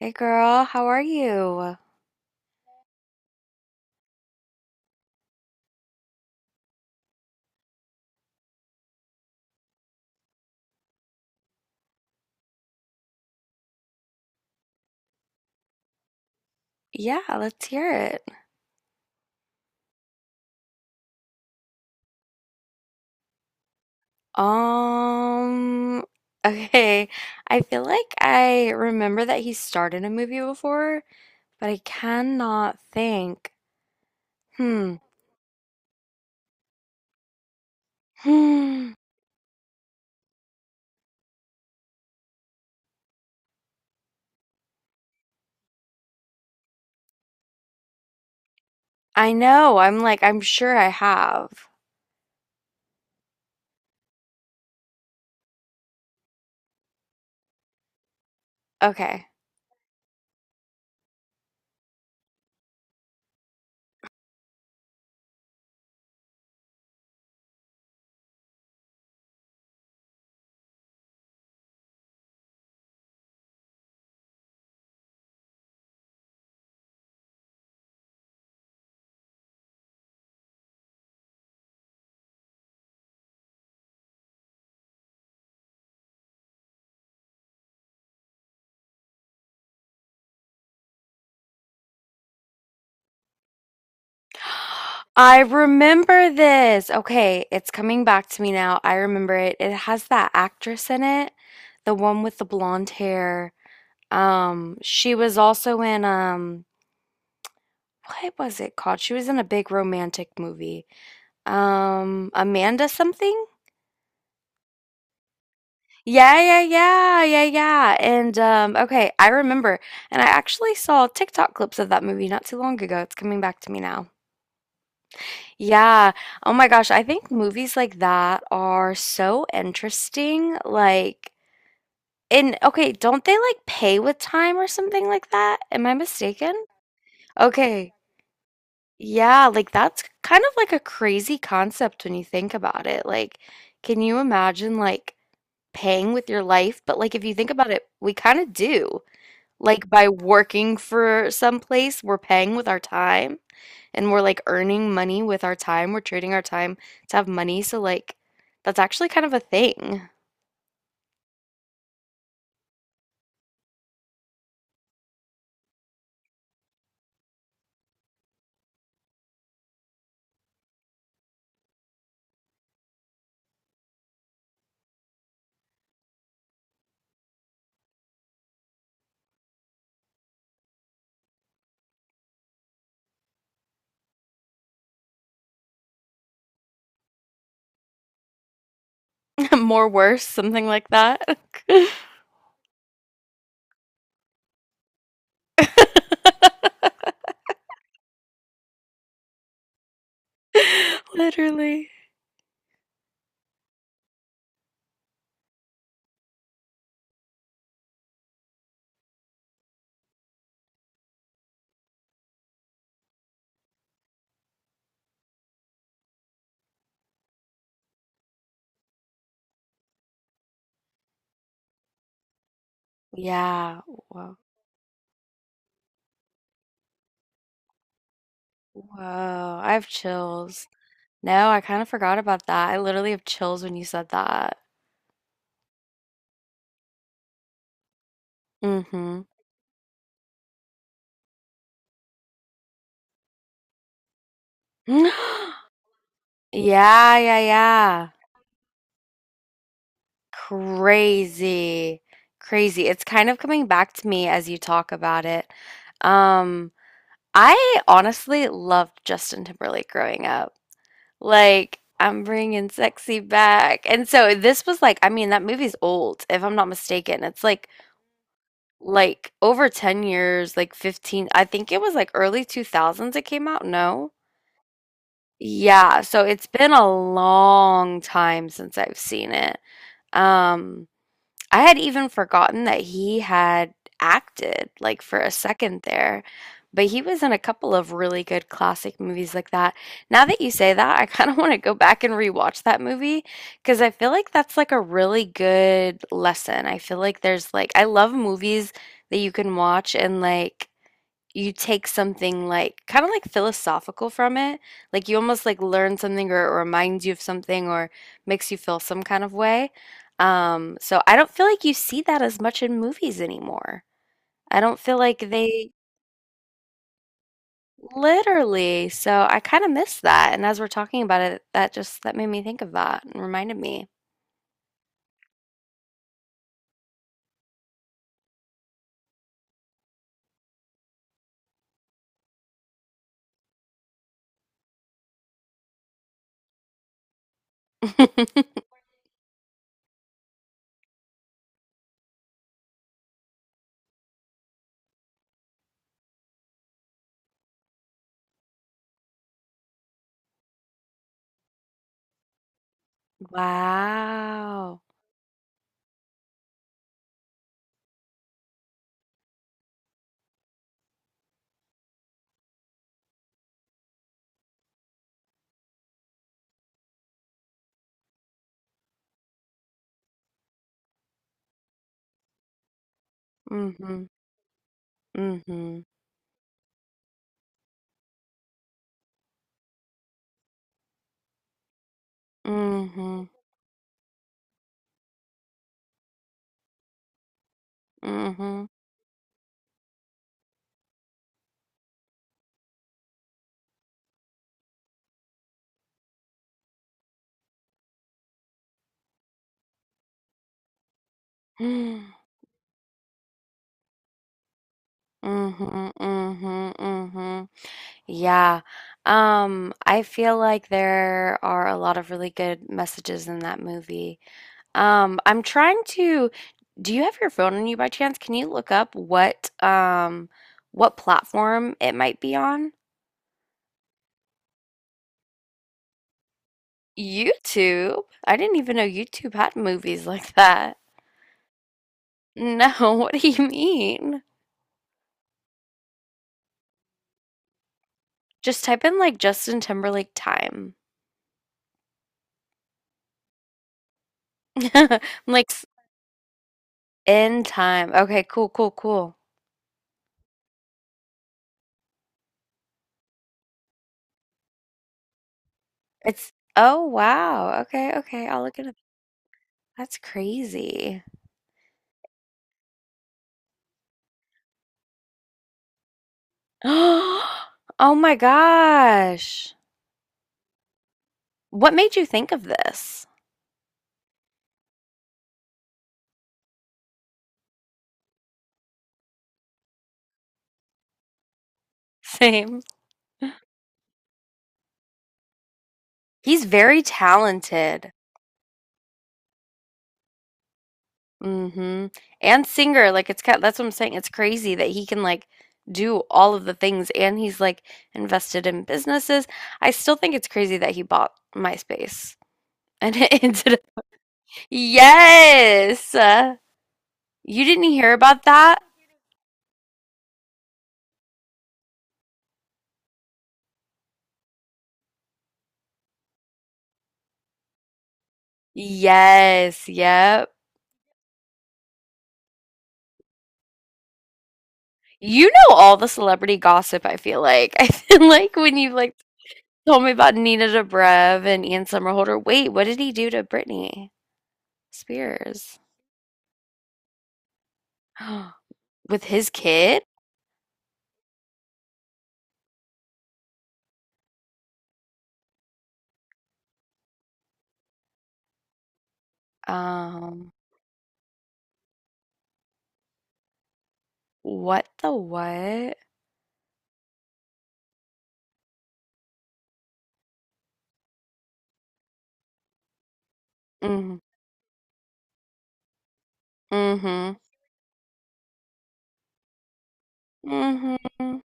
Hey girl, how are you? Yeah, let's hear it. Um, okay. I feel like I remember that he started a movie before, but I cannot think. Hmm. Hmm. I know. I'm like, I'm sure I have. Okay. I remember this. Okay, it's coming back to me now. I remember it. It has that actress in it, the one with the blonde hair. She was also in what was it called? She was in a big romantic movie. Amanda something? Yeah, yeah, yeah, yeah, yeah. And okay, I remember. And I actually saw TikTok clips of that movie not too long ago. It's coming back to me now. Yeah. Oh my gosh, I think movies like that are so interesting. Like, and okay, don't they like pay with time or something like that? Am I mistaken? Okay. Yeah, like that's kind of like a crazy concept when you think about it. Like, can you imagine like paying with your life? But like if you think about it, we kind of do. Like by working for some place, we're paying with our time and we're like earning money with our time. We're trading our time to have money. So like that's actually kind of a thing. More worse, something like that. Literally. Yeah. Whoa. Whoa. I have chills. No, I kind of forgot about that. I literally have chills when you said that. Mm-hmm. Yeah, yeah, yeah. Crazy. Crazy. It's kind of coming back to me as you talk about it. Um, I honestly loved Justin Timberlake growing up. Like, I'm bringing sexy back. And so this was like, I mean, that movie's old, if I'm not mistaken. It's like over 10 years, like 15. I think it was like early 2000s it came out. No. Yeah, so it's been a long time since I've seen it. Um, I had even forgotten that he had acted like for a second there, but he was in a couple of really good classic movies like that. Now that you say that, I kind of want to go back and rewatch that movie because I feel like that's like a really good lesson. I feel like there's like I love movies that you can watch and like you take something like kind of like philosophical from it. Like you almost like learn something or reminds you of something or makes you feel some kind of way. So I don't feel like you see that as much in movies anymore. I don't feel like they literally, so I kind of miss that. And as we're talking about it, that made me think of that and reminded me. Wow. Mm-hmm. Mm-hmm. Mm-hmm. Mm-hmm. mm Mhm, mm mhm, mm mhm. Yeah. I feel like there are a lot of really good messages in that movie. Um, I'm trying to, do you have your phone on you by chance? Can you look up what platform it might be on? YouTube? I didn't even know YouTube had movies like that. No, what do you mean? Just type in like Justin Timberlake time. I'm Like s- in time. Okay, cool, cool, cool. It's oh wow. Okay, okay. I'll look it up. That's crazy. Oh my gosh. What made you think of this? Same. He's very talented. Mm-hmm. And singer, like it's kind that's what I'm saying. It's crazy that he can like do all of the things and he's like invested in businesses. I still think it's crazy that he bought MySpace and it ended up. Yes. You didn't hear about that? Yes, yep. You know all the celebrity gossip, I feel like. I feel like when you like told me about Nina Dobrev and Ian Somerhalder, wait, what did he do to Britney Spears? With his kid? Um, what the what? Mm, mm-hmm. Mm-hmm.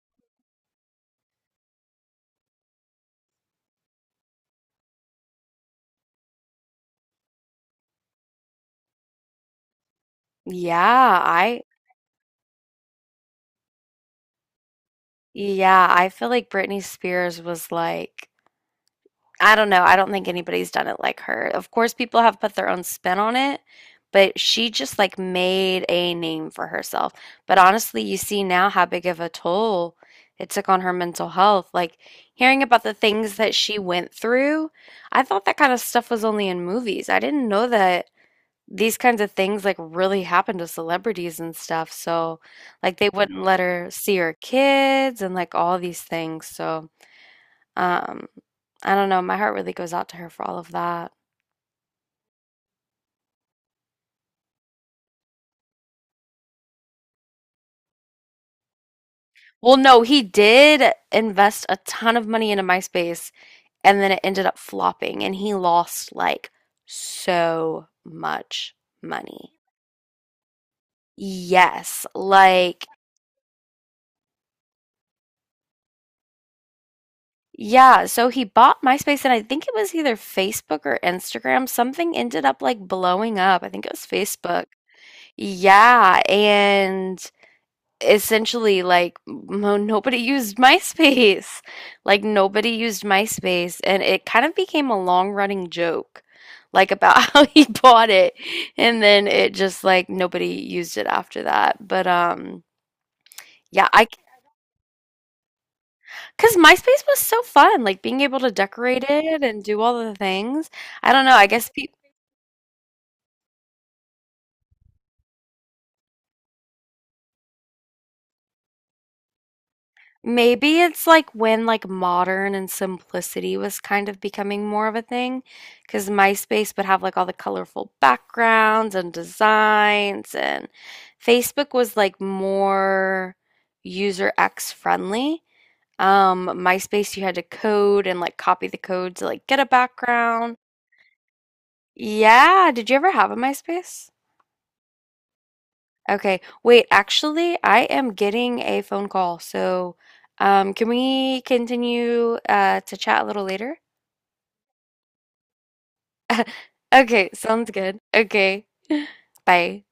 Yeah, I yeah, I feel like Britney Spears was like I don't know. I don't think anybody's done it like her. Of course, people have put their own spin on it, but she just like made a name for herself. But honestly, you see now how big of a toll it took on her mental health. Like hearing about the things that she went through, I thought that kind of stuff was only in movies. I didn't know that these kinds of things like really happened to celebrities and stuff. So, like, they wouldn't let her see her kids and like all these things. So, um, I don't know. My heart really goes out to her for all of that. Well, no, he did invest a ton of money into MySpace and then it ended up flopping and he lost like so much money. Yes, like, yeah. So he bought MySpace and I think it was either Facebook or Instagram. Something ended up like blowing up. I think it was Facebook. Yeah. And essentially like mo nobody used MySpace. Like nobody used MySpace and it kind of became a long-running joke like about how he bought it and then it just like nobody used it after that. But yeah, I because MySpace was so fun, like being able to decorate it and do all the things. I don't know, I guess people. Maybe it's like when like modern and simplicity was kind of becoming more of a thing, because MySpace would have like all the colorful backgrounds and designs, and Facebook was like more user X friendly. MySpace, you had to code and like copy the code to like get a background. Yeah, did you ever have a MySpace? Okay. Wait, actually, I am getting a phone call. So, can we continue to chat a little later? Okay, sounds good. Okay. Bye.